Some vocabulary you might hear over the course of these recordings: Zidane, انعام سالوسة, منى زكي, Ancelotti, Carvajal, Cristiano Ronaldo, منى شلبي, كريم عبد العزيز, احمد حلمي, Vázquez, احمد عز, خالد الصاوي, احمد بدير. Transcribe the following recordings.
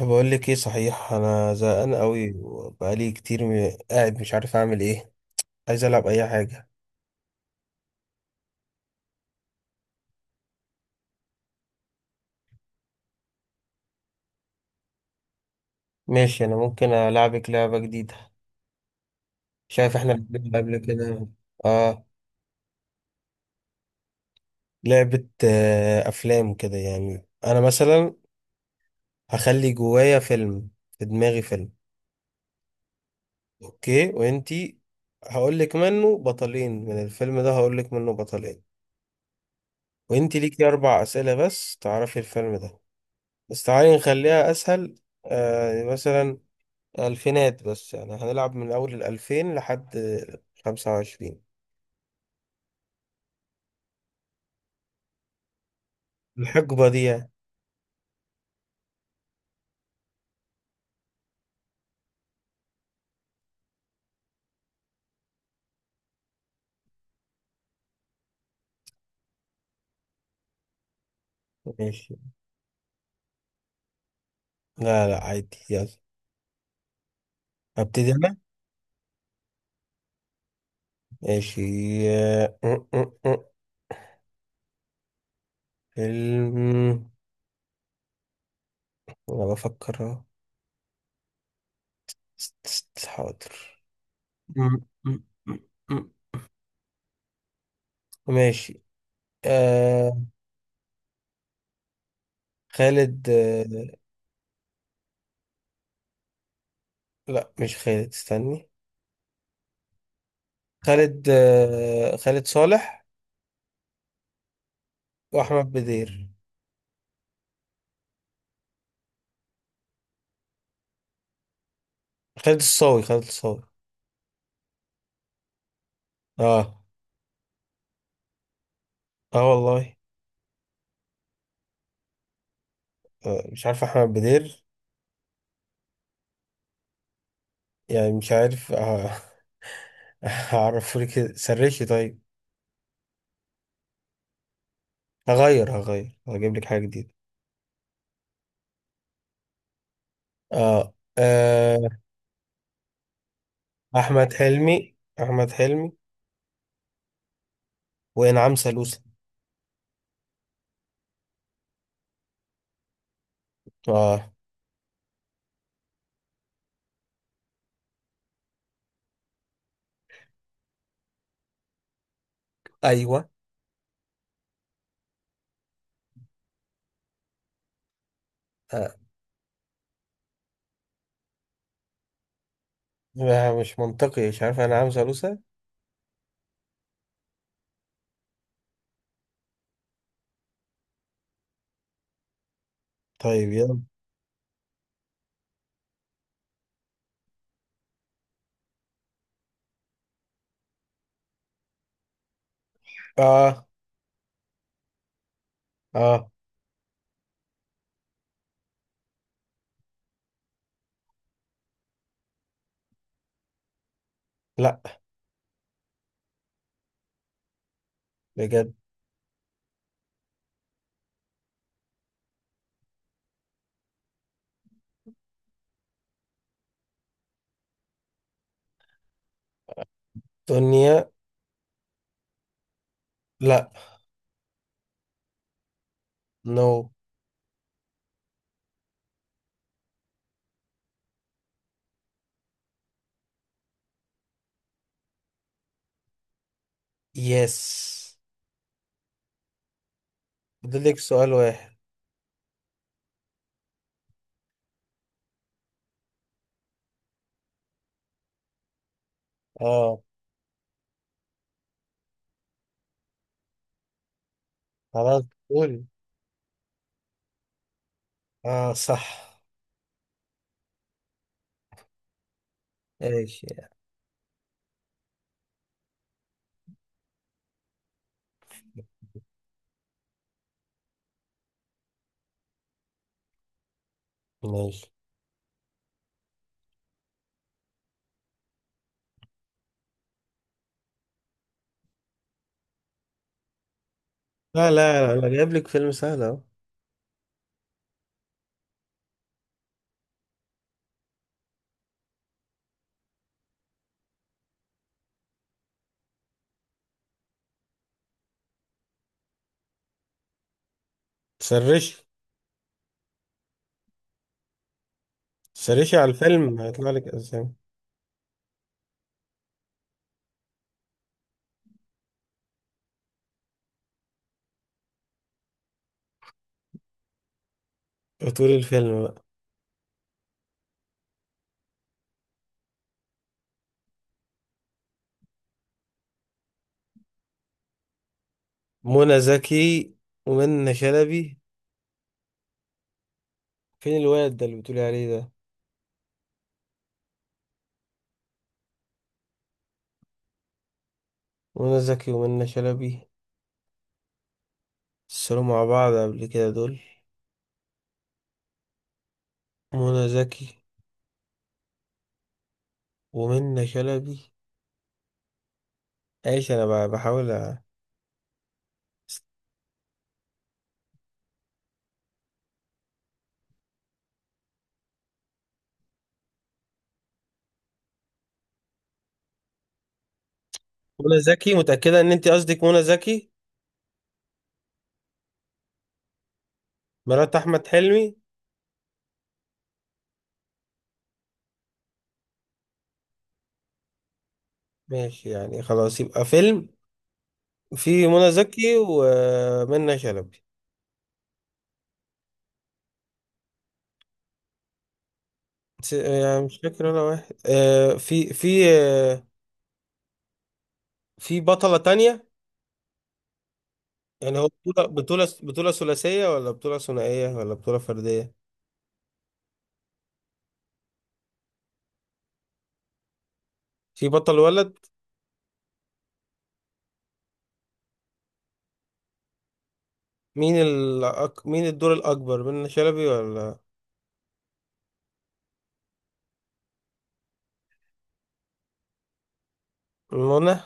بقول لك ايه، صحيح انا زهقان قوي وبقالي كتير قاعد مش عارف اعمل ايه. عايز العب اي حاجه. ماشي، انا ممكن العبك لعبه جديده. شايف احنا لعبنا قبل كده؟ اه. لعبه افلام كده يعني، انا مثلا هخلي جوايا فيلم، في دماغي فيلم. اوكي، وانتي. هقول لك منه بطلين من الفيلم ده، هقول لك منه بطلين، وانتي ليكي 4 اسئله بس تعرفي الفيلم ده. بس تعالي نخليها اسهل. مثلا الفينات، بس يعني هنلعب من أول 2000 لحد 25. الحقبة دي يعني. ماشي. لا لا، عادي، يلا. أبتدي أنا. ماشي. آه، آه، آه، آه. فيلم. أنا بفكر أهو. حاضر. م- م- م- م. ماشي. آه خالد. لا مش خالد، استني. خالد خالد صالح. وأحمد بدير. خالد الصاوي خالد الصاوي. اه. اه والله. مش عارف احمد بدير. يعني مش عارف. هعرفه لك كده. سرشي. طيب، هغير هغير هجيب لك حاجه جديده. اه. احمد حلمي احمد حلمي وانعام سالوسة. اه. ايوه آه. لا، مش منطقي، مش عارف انعام سالوسة. طيب يلا. اه اه، لا بجد. دنيا. لا. نو. يس. فاضل لك سؤال واحد. اه. خلاص. قول. اه صح. ايش؟ ماشي، لا لا لا، جايب لك فيلم سهل اهو. سرشي. سرشي على الفيلم هيطلع لك اسامي. بطول الفيلم بقى. منى زكي ومنى شلبي. فين الواد ده اللي بتقولي عليه ده؟ منى زكي ومنى شلبي. اتصلوا مع بعض قبل كده دول؟ منى زكي ومنى شلبي. ايش؟ انا بقى بحاول منى زكي. متأكدة ان انت قصدك منى زكي؟ مرات احمد حلمي. ماشي، يعني خلاص يبقى فيلم فيه منى زكي ومنى شلبي. يعني مش فاكر ولا واحد. في في بطلة تانية؟ يعني هو بطولة ثلاثية ولا بطولة ثنائية ولا بطولة فردية؟ في بطل ولد. مين الدور الأكبر، منى شلبي ولا؟ منى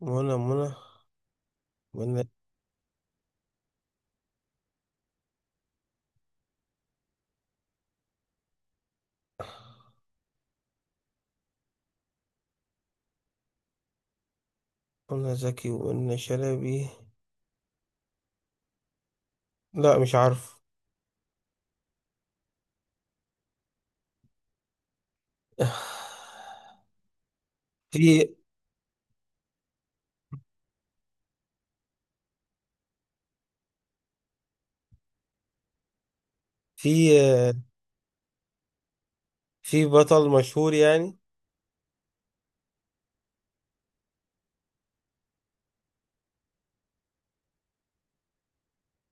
منى منى منى. منى زكي ومنى شلبي. لا مش عارف. في في في بطل مشهور يعني.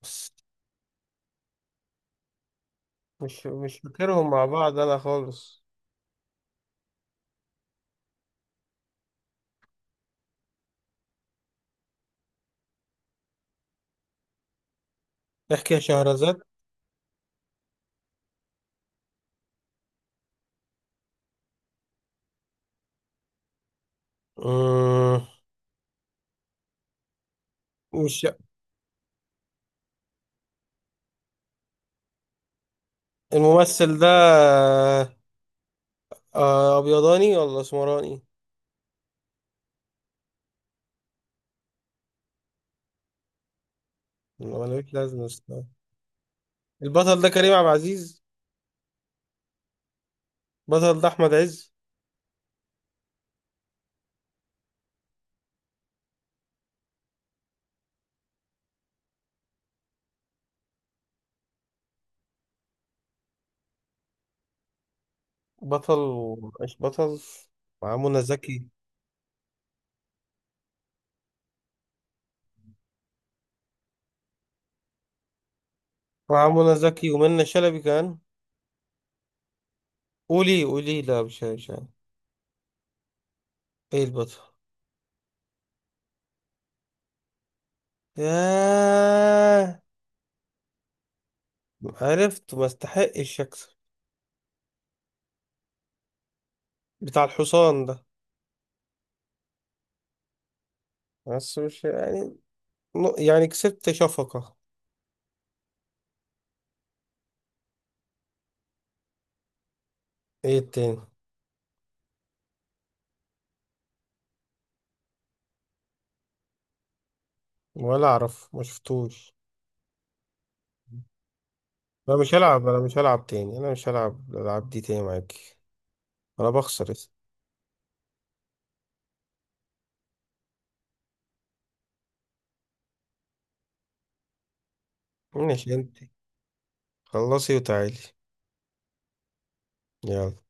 بس مش فاكرهم مع بعض أنا خالص. احكي يا شهرزاد. مم، مش الممثل ده. ابيضاني ولا اسمراني؟ ما ملوش لازمه الصراحة. البطل ده كريم عبد العزيز؟ بطل ده احمد عز؟ بطل مش بطل؟ مع منى زكي. مع منى زكي ومنى شلبي كمان. قولي قولي، لا مش عارف. ايه البطل؟ ياه. عرفت. ما استحقش اكسب. بتاع الحصان ده. بس مش يعني، يعني كسبت شفقة. ايه التاني؟ ولا اعرف، ما شفتوش. انا مش هلعب، انا مش هلعب تاني، انا مش هلعب الالعاب دي تاني معاكي. انا بخسر. ماشي انت. خلصي وتعالي. يلا